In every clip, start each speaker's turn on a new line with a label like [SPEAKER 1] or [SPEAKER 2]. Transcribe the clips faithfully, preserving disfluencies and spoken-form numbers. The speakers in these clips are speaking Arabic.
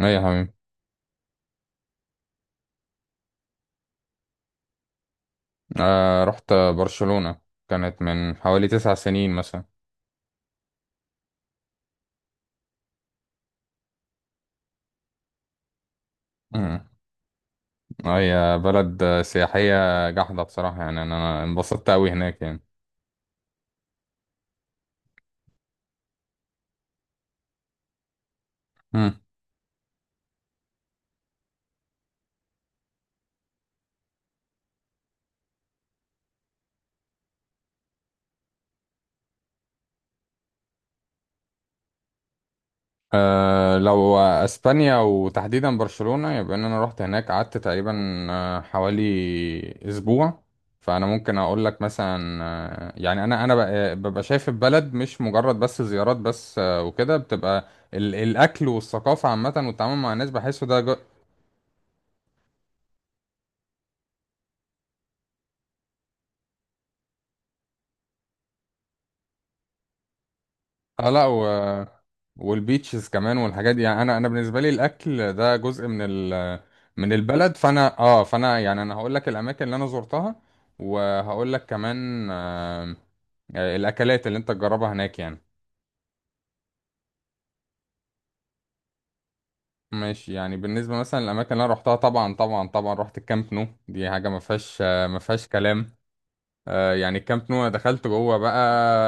[SPEAKER 1] ايه يا حبيبي. آه، رحت برشلونة. كانت من حوالي تسع سنين مثلا. مم. هي بلد سياحية جحدة بصراحة، يعني انا انبسطت اوي هناك يعني. مم. آه لو اسبانيا وتحديدا برشلونة، يبقى ان انا رحت هناك قعدت تقريبا، آه، حوالي اسبوع. فانا ممكن اقول لك مثلا، آه، يعني انا انا ب- ببقى شايف البلد مش مجرد بس زيارات بس، آه، وكده بتبقى ال- الاكل والثقافه عامه والتعامل مع الناس بحسه ده. اه لا، و... والبيتشز كمان والحاجات دي. يعني انا انا بالنسبه لي الاكل ده جزء من ال... من البلد. فانا اه فانا يعني انا هقول لك الاماكن اللي انا زرتها، وهقول لك كمان آه الاكلات اللي انت تجربها هناك يعني. ماشي، يعني بالنسبه مثلا الاماكن اللي انا روحتها، طبعا طبعا طبعا رحت الكامب نو. دي حاجه ما فيهاش، آه ما فيهاش كلام. آه، يعني الكامب نو أنا دخلت جوه بقى،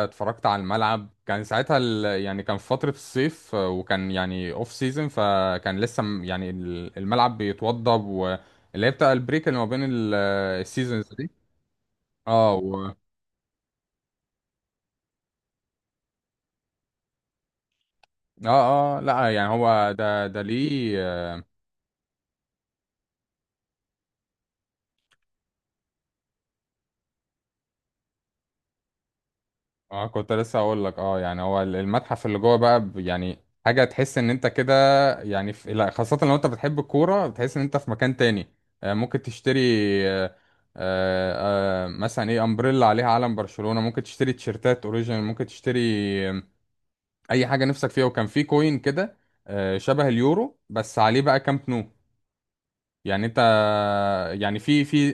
[SPEAKER 1] اتفرجت على الملعب. كان ساعتها ال... يعني كان في فترة الصيف، آه، وكان يعني اوف سيزون، فكان لسه م- يعني ال- الملعب بيتوضب، واللي هي بتاع البريك اللي ما بين السيزونز دي. اه، و... اه اه لا، يعني هو ده ده ليه؟ اه، كنت لسه اقول لك، اه يعني هو ال- المتحف اللي جوه بقى، ب- يعني حاجه تحس ان انت كده يعني في، لا خاصه لو انت بتحب الكوره بتحس ان انت في مكان تاني. آه، ممكن تشتري، آه، آه، آه، مثلا ايه، امبريلا عليها علم برشلونه، ممكن تشتري تيشيرتات اوريجينال، ممكن تشتري آه، اي حاجه نفسك فيها. وكان في كوين كده، آه، شبه اليورو بس عليه بقى كامب نو. يعني انت يعني في في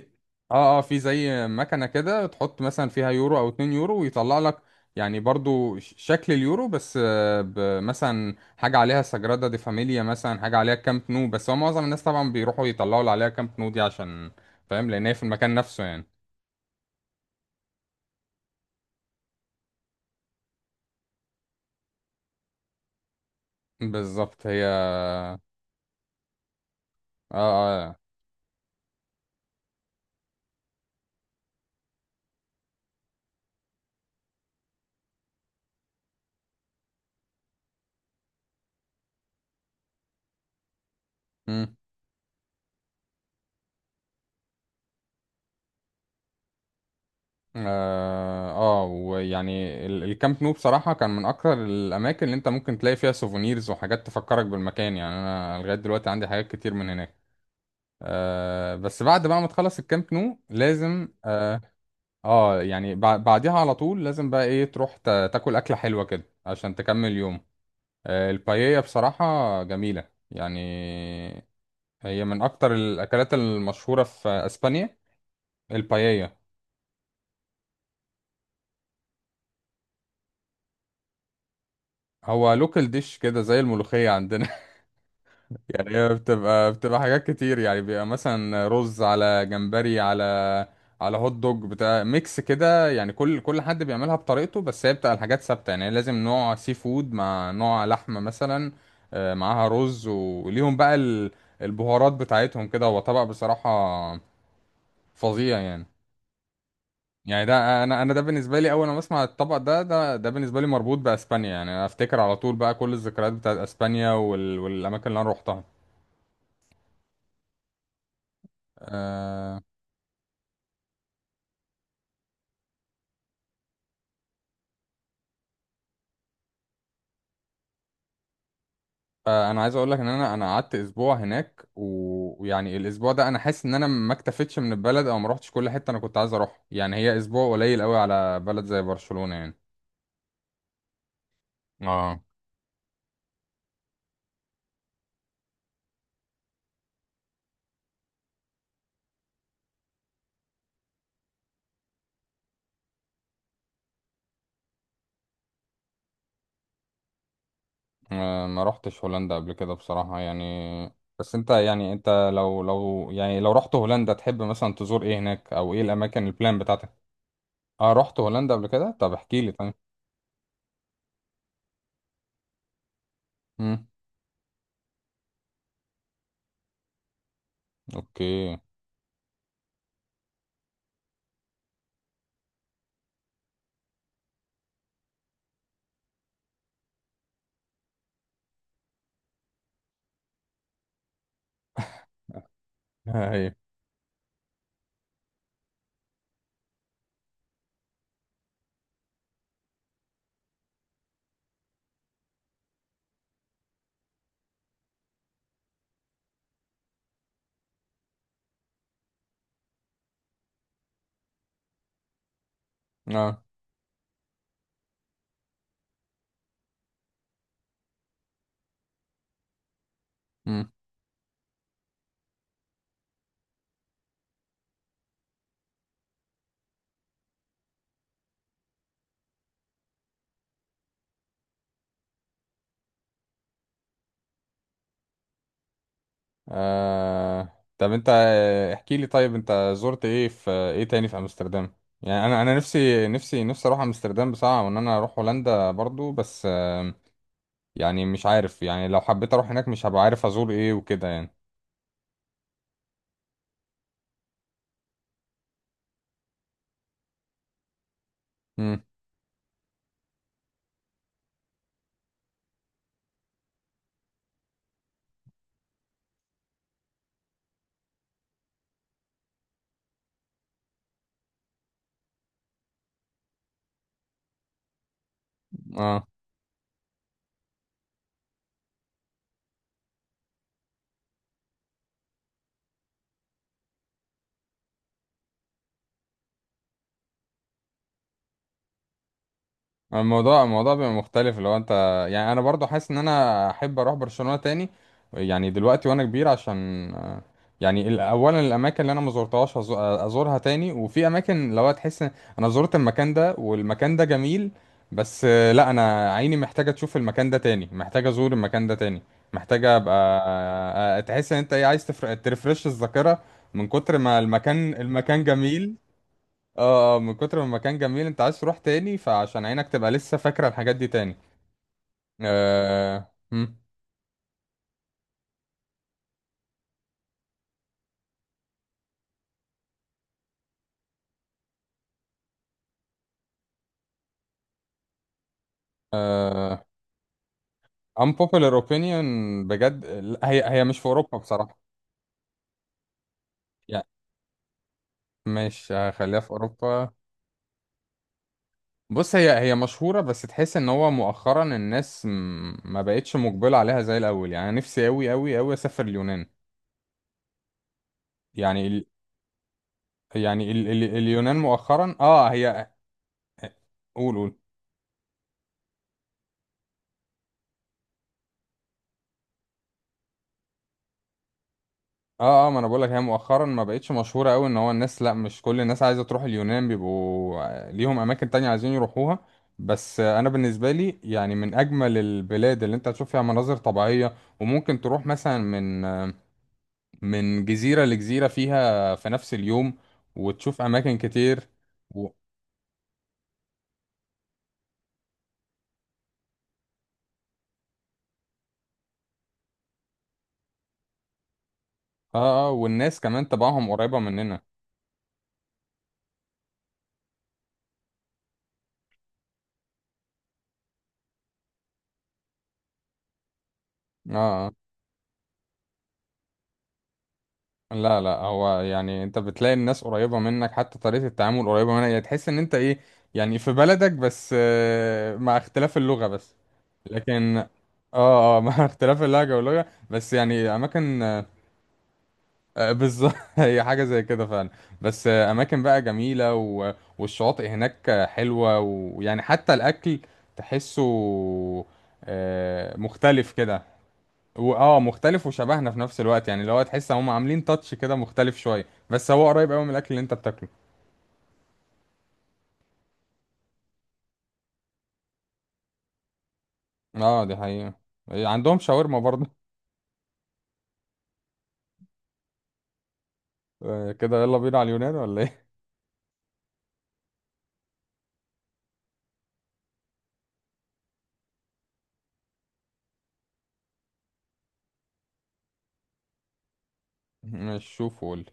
[SPEAKER 1] اه اه في زي مكنة كده تحط مثلا فيها يورو او اتنين يورو ويطلع لك يعني برضو ش- شكل اليورو، بس آه، ب- مثلا حاجة عليها سجرادا دي فاميليا، مثلا حاجة عليها كامب نو، بس هو معظم الناس طبعا بيروحوا يطلعوا اللي عليها كامب نو دي، عشان فاهم لان هي في المكان نفسه يعني. بالظبط، هي اه اه. آه. مم. اه آه، ويعني ال- الكامب نو بصراحة كان من أكتر الأماكن اللي أنت ممكن تلاقي فيها سوفونيرز وحاجات تفكرك بالمكان. يعني أنا لغاية دلوقتي عندي حاجات كتير من هناك. آه بس بعد بقى ما تخلص الكامب نو لازم آه, آه يعني بع- بعديها على طول لازم بقى إيه، تروح تا- تاكل أكلة حلوة كده عشان تكمل يوم. آه، البايية بصراحة جميلة يعني، هي من أكتر الأكلات المشهورة في أسبانيا. البايية هو لوكال ديش كده زي الملوخية عندنا. يعني هي بتبقى بتبقى حاجات كتير. يعني بيبقى مثلا رز على جمبري، على على هوت دوج، بتاع ميكس كده، يعني كل كل حد بيعملها بطريقته، بس هي بتبقى الحاجات ثابتة، يعني لازم نوع سي فود مع نوع لحمة مثلا، آه، معاها رز، وليهم بقى ال- البهارات بتاعتهم كده. هو طبق بصراحة فظيع يعني. يعني ده، انا انا ده بالنسبه لي، اول ما اسمع الطبق ده ده ده بالنسبه لي مربوط باسبانيا. يعني انا افتكر على طول بقى كل الذكريات بتاعت اسبانيا وال... والاماكن اللي انا روحتها. آه. آه، انا عايز اقول لك ان انا انا قعدت اسبوع هناك، و- ويعني الاسبوع ده انا حاسس ان انا ما اكتفيتش من البلد، او ما روحتش كل حته انا كنت عايز اروح، يعني هي اسبوع قليل قوي على بلد زي برشلونه يعني. اه. آه، ما روحتش هولندا قبل كده بصراحه يعني. بس انت يعني انت لو لو يعني لو رحت هولندا، تحب مثلا تزور ايه هناك؟ او ايه الاماكن البلان بتاعتك؟ اه رحت هولندا قبل كده، طب احكي لي طيب. امم. اوكي. هي. اه. آه، طب انت احكي لي طيب، انت زرت ايه، في ايه تاني في امستردام؟ يعني انا انا نفسي نفسي نفسي اروح امستردام بصراحة، وان انا اروح هولندا برضو، بس آه... يعني مش عارف، يعني لو حبيت اروح هناك مش هبقى عارف ازور ايه وكده يعني. امم. اه. الموضوع الموضوع بيبقى مختلف لو انت، يعني انا برضو حاسس ان انا احب اروح برشلونة تاني، يعني دلوقتي وانا كبير، عشان آه، يعني ال- اولا الاماكن اللي انا ما زرتهاش هز- ازورها تاني، وفي اماكن لو تحس ان انا زرت المكان ده، والمكان ده جميل بس، آه، لا انا عيني محتاجة تشوف المكان ده تاني، محتاجة ازور المكان ده تاني، محتاجة ابقى آه، آه، تحس ان انت ايه، عايز تفر- ترفرش الذاكرة من كتر ما المكان المكان جميل. اه آه، من كتر ما المكان جميل انت عايز تروح تاني، فعشان عينك تبقى لسه فاكرة الحاجات دي تاني. آه هم. آه unpopular opinion. بجد لا، هي هي مش في اوروبا بصراحة. يعني مش هخليها في اوروبا. بص، هي هي مشهورة، بس تحس ان هو مؤخرا الناس م- ما بقتش مقبلة عليها زي الاول. يعني أنا نفسي اوي اوي اوي اسافر اليونان. يعني ال... يعني ال... ال... اليونان مؤخرا اه هي. قول قول. اه اه ما انا بقولك، هي مؤخرا ما بقتش مشهوره قوي، ان هو الناس لا مش كل الناس عايزه تروح اليونان، بيبقوا ليهم اماكن تانية عايزين يروحوها. بس انا بالنسبه لي يعني من اجمل البلاد اللي انت هتشوف فيها مناظر طبيعيه، وممكن تروح مثلا من من جزيره لجزيره فيها في نفس اليوم، وتشوف اماكن كتير. و... اه اه والناس كمان تبعهم قريبه مننا. اه آه. لا لا، هو يعني انت بتلاقي الناس قريبة منك، حتى طريقة التعامل قريبة منك، يعني تحس ان انت ايه، يعني في بلدك بس، آه، مع اختلاف اللغة بس. لكن، اه اه مع اختلاف اللهجة واللغة بس، يعني اماكن، آه، آه، بالظبط. هي حاجة زي كده فعلا. بس آه، اماكن بقى جميلة، و... والشواطئ هناك آه، حلوة، ويعني حتى الاكل تحسه آه، مختلف كده. و- اه مختلف وشبهنا في نفس الوقت، يعني اللي هو تحس هم عاملين تاتش كده مختلف شويه، بس هو قريب قوي من الاكل اللي انت بتاكله. اه دي حقيقه. إيه، عندهم شاورما برضه. آه كده، يلا بينا على اليونان ولا ايه؟ مش شوف قول.